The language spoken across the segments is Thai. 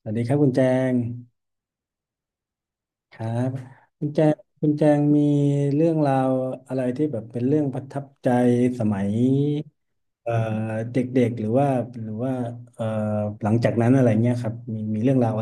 สวัสดีครับคุณแจงครับคุณแจงมีเรื่องราวอะไรที่แบบเป็นเรื่องประทับใจสมัยเอ่อเด็กๆหรือว่าหรือว่าเอ่อหลังจากนั้นอะไรเงี้ยครับมีเรื่องราว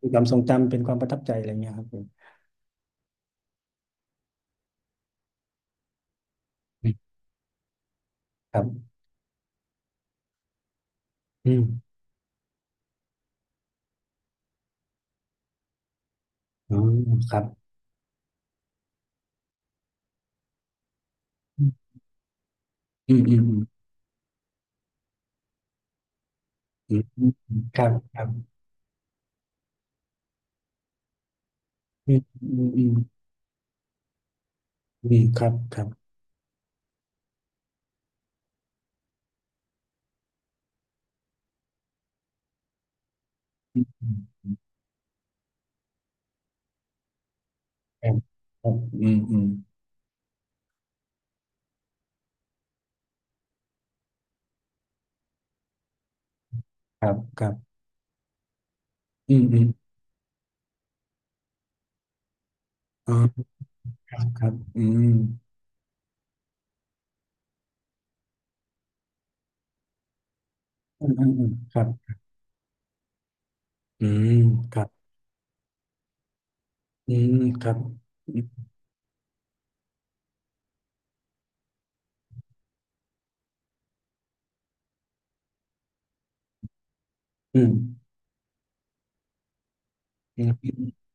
เป็นความทรงจำเป็นความประทับใจอะไรเงี้ยครับผมอืมครับอืมอ๋อครับอืมอืมอืมอืมอืมครับครับอืมอืมอืมอืมครับครับอืมอืมครับครับอืมอืมครับครับอืมอืมอ๋อ ครับครับอืมอืมอืมอืมครับอืมครับอืมครับอืมอืมอืม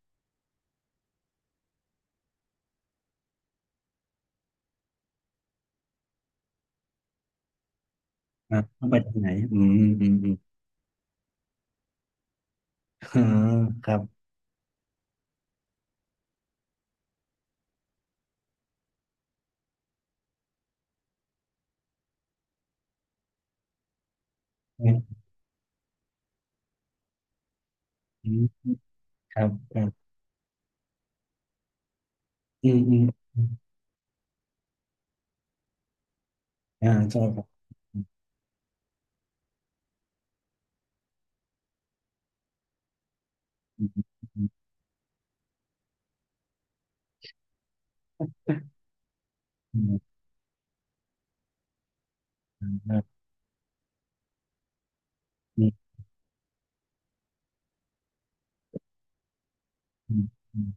ครับต้องไปทางไหนอืมอืมอืมอ่าครับอืมอืมครับครับอืมอืมอืมอ่าใช่ครับอืมอืมอืมอืม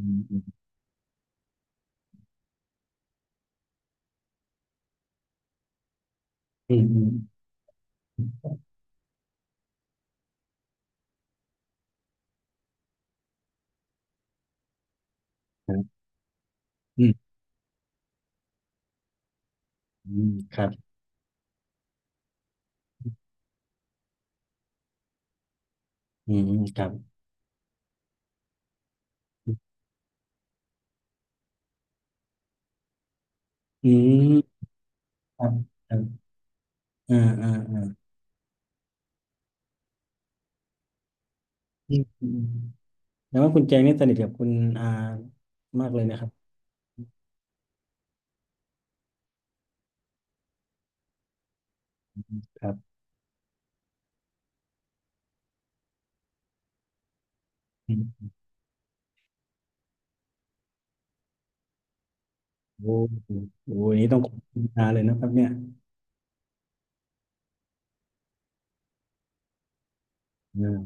อืมครับอืมอืมอืมอืมอืมอืมอืมครับอืมอืมครับอืมครับอืมครับครับอ่าอ่าอ่าอืมอืมอืมแล้วว่าคุณแจงนี่สนิทกับคุณอามากเลยนะครับ ครับอืมโอ้โหอันนี้ต้องขอบคุณนาเลยนะครับเนี่ยอ่า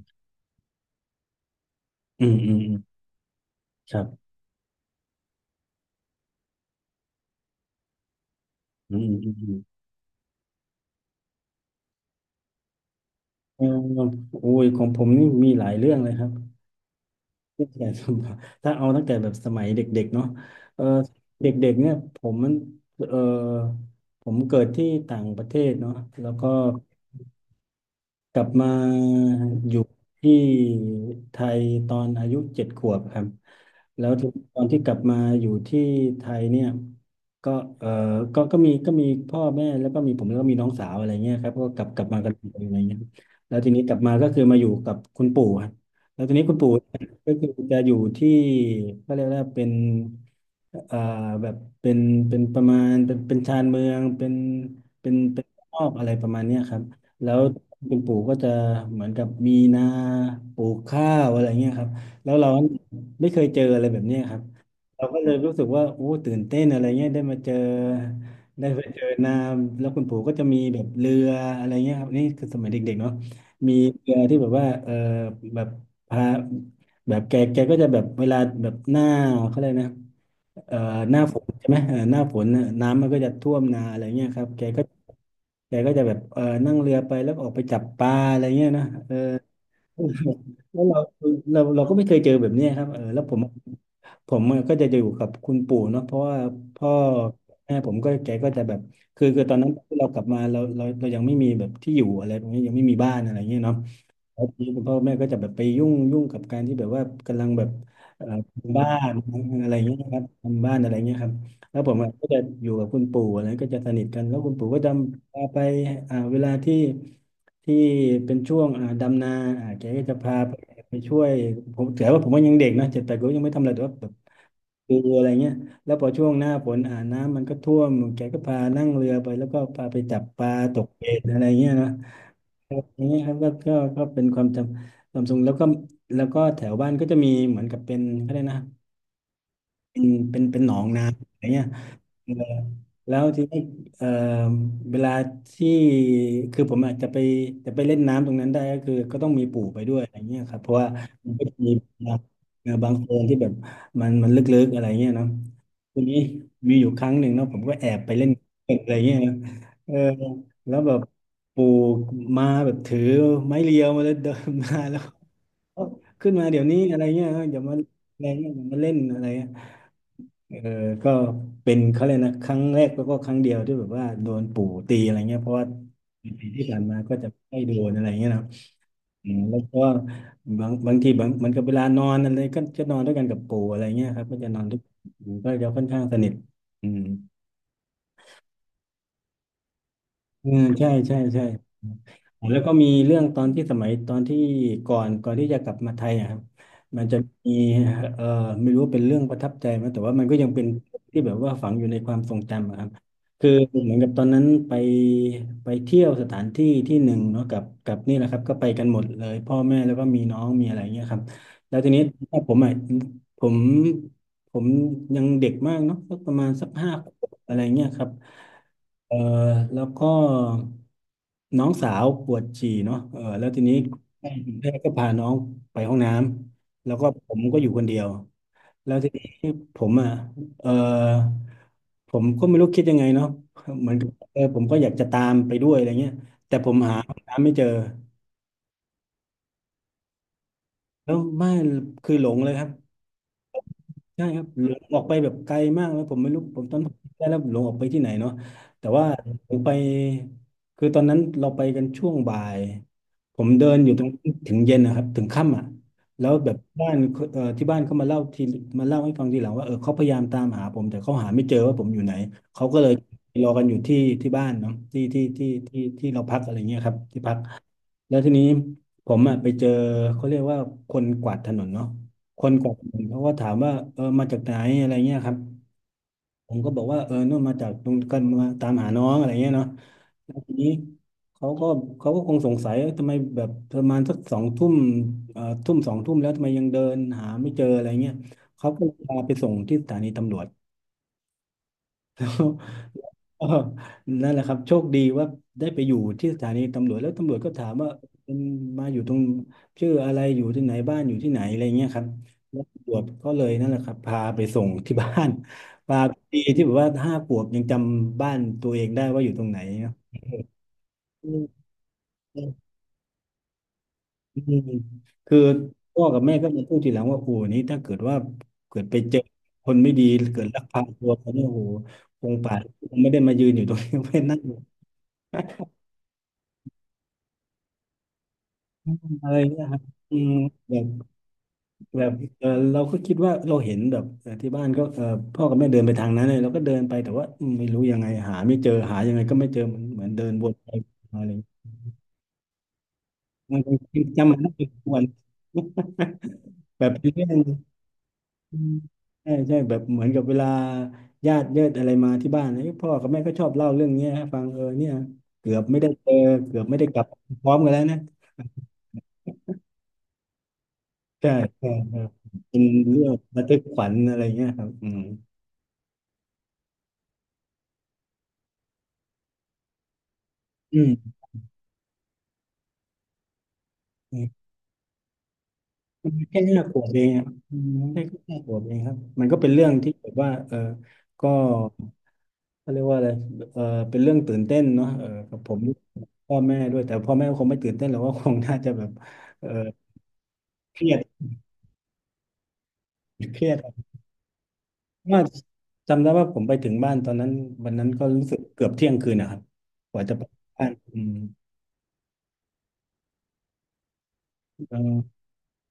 อืมอืมอืมครับอืมอืมอืมอืมเออโอ้ยของผมนี่มีหลายเรื่องเลยครับ ตั้งแต่สมัยถ้าเอาตั้งแต่แบบสมัยเด็กๆเนาะเออเด็กๆเนี่ยผมมันเออผมเกิดที่ต่างประเทศเนาะแล้วก็กลับมาอยู่ที่ไทยตอนอายุเจ็ดขวบครับ แล้วทีนี้ตอนที่กลับมาอยู่ที่ไทยเนี่ยก็เออก็มีพ่อแม่แล้วก็มีผมแล้วก็มีน้องสาวอะไรเงี้ยครับก็กลับมากันมเยอะไรเงี้ยครับแล้วทีนี้กลับมาก็คือมาอยู่กับคุณปู่ครับแล้วทีนี้คุณปู่เนี่ยก็คือจะอยู่ที่ก็เรียกว่าเป็นเอ่อแบบเป็นประมาณเป็นชานเมืองเป็นเป็นเป็นนอกอะไรประมาณเนี้ยครับแล้วคุณปู่ก็จะเหมือนกับมีนาปลูกข้าวอะไรเงี้ยครับแล้วเรา ไม่เคยเจออะไรแบบเนี้ยครับเราก็เลยรู้สึกว่าโอ้ตื่นเต้นอะไรเงี้ยได้มาเจอได้ไปเจอน้ำแล้วคุณปู่ก็จะมีแบบเรืออะไรเงี้ยครับนี่คือสมัยเด็กๆเนาะมีเรือที่แบบว่าเออแบบพาแบบแกก็จะแบบเวลาแบบหน้าเขาเลยกนะเอ่อหน้าฝนใช่ไหมเออหน้าฝนน่ะน้ำมันก็จะท่วมนาอะไรเงี้ยครับแกก็จะแบบเออนั่งเรือไปแล้วก็ออกไปจับปลาอะไรเงี้ยนะเออแล้วเราก็ไม่เคยเจอแบบเนี้ยครับเออแล้วผม อะก็จะอยู่กับคุณปู่เนาะเพราะว่าพ่อแม่ผมก็แกก็จะแบบคือตอนนั้นที่เรากลับมาเรายังไม่มีแบบที่อยู่อะไรตรงนี้ยังไม่มีบ้านอะไรเงี้ยเนาะแล้วทีนี้คุณพ่อคุณแม่ก็จะแบบไปยุ่งกับการที่แบบว่ากำลังแบบทำบ้านอะไรเงี้ยครับทำบ้านอะไรเงี้ยครับแล้วผมอะก็จะอยู่กับคุณปู่อะไรก็จะสนิทกันแล้วคุณปู่ก็จะพาไปอ่าเวลาที่ที่เป็นช่วงอ่าดำนาอ่าแกก็จะพาไปไปช่วยผมถือว่าผมว่ายังเด็กนะเจ็ดแปดก็ยังไม่ทำอะไรแต่ว่า ดูอะไรเงี้ยแล้วพอช่วงหน้าฝนอ่าน้ำมันก็ท่วมแกก็พานั่งเรือไปแล้วก็พาไปจับปลาตกเบ็ดอะไรเงี้ยนะอย่างเงี้ยครับก็เป็นความจำความทรงแล้วก็แถวบ้านก็จะมีเหมือนกับเป็นก็ได้นะเป็นหนองน้ำอะไรเงี้ยเออแล้วทีนี้เออเวลาที่คือผมอาจจะไปเล่นน้ำตรงนั้นได้ก็คือก็ต้องมีปู่ไปด้วยอะไรเงี้ยครับเพราะว่ามันก็จะมีบางโคลนที่แบบมันลึกๆอะไรเงี้ยเนาะ ทีนี้มีอยู่ครั้งหนึ่งเนาะผมก็แอบไปเล่นเกมอะไรเงี้ยนะเออแล้วแบบปู่มาแบบถือไม้เรียวมาแล้วเดินมาแล้วเอ้าขึ้นมาเดี๋ยวนี้อะไรเงี้ยออย่ามาอะไรเงี้ยอย่ามาเล่นอะไรเงี้ยเออก็เป็นเขาเลยกนะครั้งแรกแล้วก็ครั้งเดียวที่แบบว่าโดนปู่ตีอะไรเงี้ยเพราะว่าปีที่ผ่านมาก็จะไม่โดนอะไรเงี้ยนะอืมแล้วก็บางมันก็เวลานอนอะไรก็จะนอนด้วยกันกับปู่อะไรเงี้ยครับก็จะนอนด้วยก็จะค่อนข้างสนิทอืม อืมใช่ใช่ใช่แล้วก็มีเรื่องตอนที่สมัยตอนที่ก่อนที่จะกลับมาไทยอะครับมันจะมีเอ่อไม่รู้ว่าเป็นเรื่องประทับใจไหมแต่ว่ามันก็ยังเป็นที่แบบว่าฝังอยู่ในความทรงจำอะครับคือเหมือนกับตอนนั้นไปไปเที่ยวสถานที่ที่หนึ่งเนาะกับกับนี่แหละครับก็ไปกันหมดเลยพ่อแม่แล้วก็มีน้องมีอะไรเงี้ยครับแล้วทีนี้ผมอ่ะผมผมยังเด็กมากเนาะสักประมาณสักห้าขวบอะไรเงี้ยครับ เออแล้วก็น้องสาวปวดฉี่เนาะเออแล้วทีนี้แพทย์ก็พาน้องไปห้องน้ำแล้วก็ผมก็อยู่คนเดียวแล้วทีนี้ผมอ่ะเออผมก็ไม่รู้คิดยังไงเนาะเหมือนกับผมก็อยากจะตามไปด้วยอะไรเงี้ยแต่ผมหาห้องน้ำไม่เจอแล้วไม่คือหลงเลยครับ ใช่ครับหลงออกไปแบบไกลมากแล้วผมไม่รู้ผมตอนผมได้แล้วหลงออกไปที่ไหนเนาะแต่ว่าผมไปคือตอนนั้นเราไปกันช่วงบ่ายผมเดินอยู่ตรงถึงเย็นนะครับถึงค่ำอ่ะแล้วแบบบ้านที่บ้านเขามาเล่าทีมาเล่าให้ฟังทีหลังว่าเออเขาพยายามตามหาผมแต่เขาหาไม่เจอว่าผมอยู่ไหนเขาก็เลยรอกันอยู่ที่ที่บ้านเนาะที่ที่เราพักอะไรเงี้ยครับที่พัก แล้วทีนี้ผมอ่ะไปเจอเขาเรียกว่าคนกวาดถนนเนาะคนกวาดถนนเขาก็ถามว่าเออมาจากไหนอะไรเงี้ยครับผมก็บอกว่าเออนู่นมาจากตรงกันมาตามหาน้องอะไรเงี้ยเนาะแล้วทีนี้เขาก็เขาก็คงสงสัยเอ้ยทำไมแบบประมาณสักสองทุ่มทุ่มสองทุ่มแล้วทำไมยังเดินหาไม่เจออะไรเงี้ยเขาก็พาไปส่งที่สถานีตำรวจ แล้วก็ นั่นแหละครับโชคดีว่าได้ไปอยู่ที่สถานีตำรวจแล้วตำรวจก็ถามว่าเป็นมาอยู่ตรงชื่ออะไรอยู่ที่ไหนบ้านอยู่ที่ไหนอะไรเงี้ยครับแล้วตำรวจก็เลยนั่นแหละครับพาไปส่งที่บ้าน พาดีที่แบบว่าห้าขวบยังจำบ้านตัวเองได้ว่าอยู่ตรงไหนเนาะอืมอืมคือพ่อกับแม่ก็มาพูดทีหลังว่าโอ้โหนี่ถ้าเกิดว่าเกิดไปเจอคนไม่ดีเกิดลักพาตัวเขาเนี่ยโอ้โหคงป่านคงไม่ได้มายืนอยู่ตรงนี้ ไม่นั่ง อะไรเงี้ยครับอืมแบบแบบเออเราก็คิดว่าเราเห็นแบบที่บ้านก็เออพ่อกับแม่เดินไปทางนั้นเลยเราก็เดินไปแต่ว่าอืมไม่รู้ยังไงหาไม่เจอหายังไงก็ไม่เจอเหมือนเหมือนเดินวนไปวนมาอะไรเงี้ยมันก็จำมัน ได้เป็นวัน แบบเป็นเรื่องอืมใช่ใช่แบบเหมือนกับเวลาญาติเยอะอะไรมาที่บ้านเอ้ยพ่อกับแม่ก็ชอบเล่าเรื่องเนี้ยให้ฟังเออเนี่ยเกือบไม่ได้เจอเกือบไม่ได้กลับพร้อมกันแล้วนะใช่ใช่ใช่เป็นเรื่องระทึกขวัญอะไรเงี้ยครับอืม อืมอืมมันแค่ห้าขวบเองอะอืมแค่ห้าขวบเองครับมันก็เป็นเรื่องที่แบบว่าเออก็เขาเรียกว่าอะไรเออเป็นเรื่องตื่นเต้นเนาะเออกับผมพ่อแม่ด้วยแต่พ่อแม่ก็คงไม่ตื่นเต้นหรอกว่าคงน่าจะแบบเออเครียดเครียดรับว่าจำได้ว่าผมไปถึงบ้านตอนนั้นวันนั้นก็รู้สึกเกือบเที่ยงคืนนะครับกว่าจะไปบ้านอืมเออ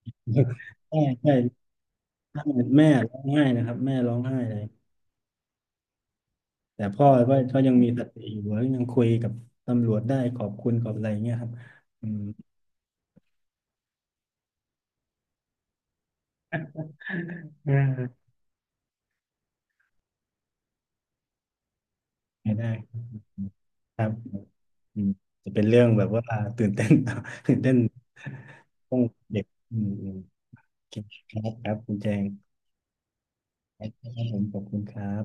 ใช่ใช่แม่ร้องไห้นะครับแม่ร้องไห้เลย แต่พ่อก็ยังมีสติอยู่แล้วยังคุยกับตำรวจได้ขอบคุณขอบอะไรเงี้ยครับอืมอ่าไม่ได้ครับอืมจะเป็นเรื่องแบบว่าตื่นเต้น ตื่นเต้นต้องเด็กอืมอืมโอเคครับคุณแจงครับผมขอบคุณครับ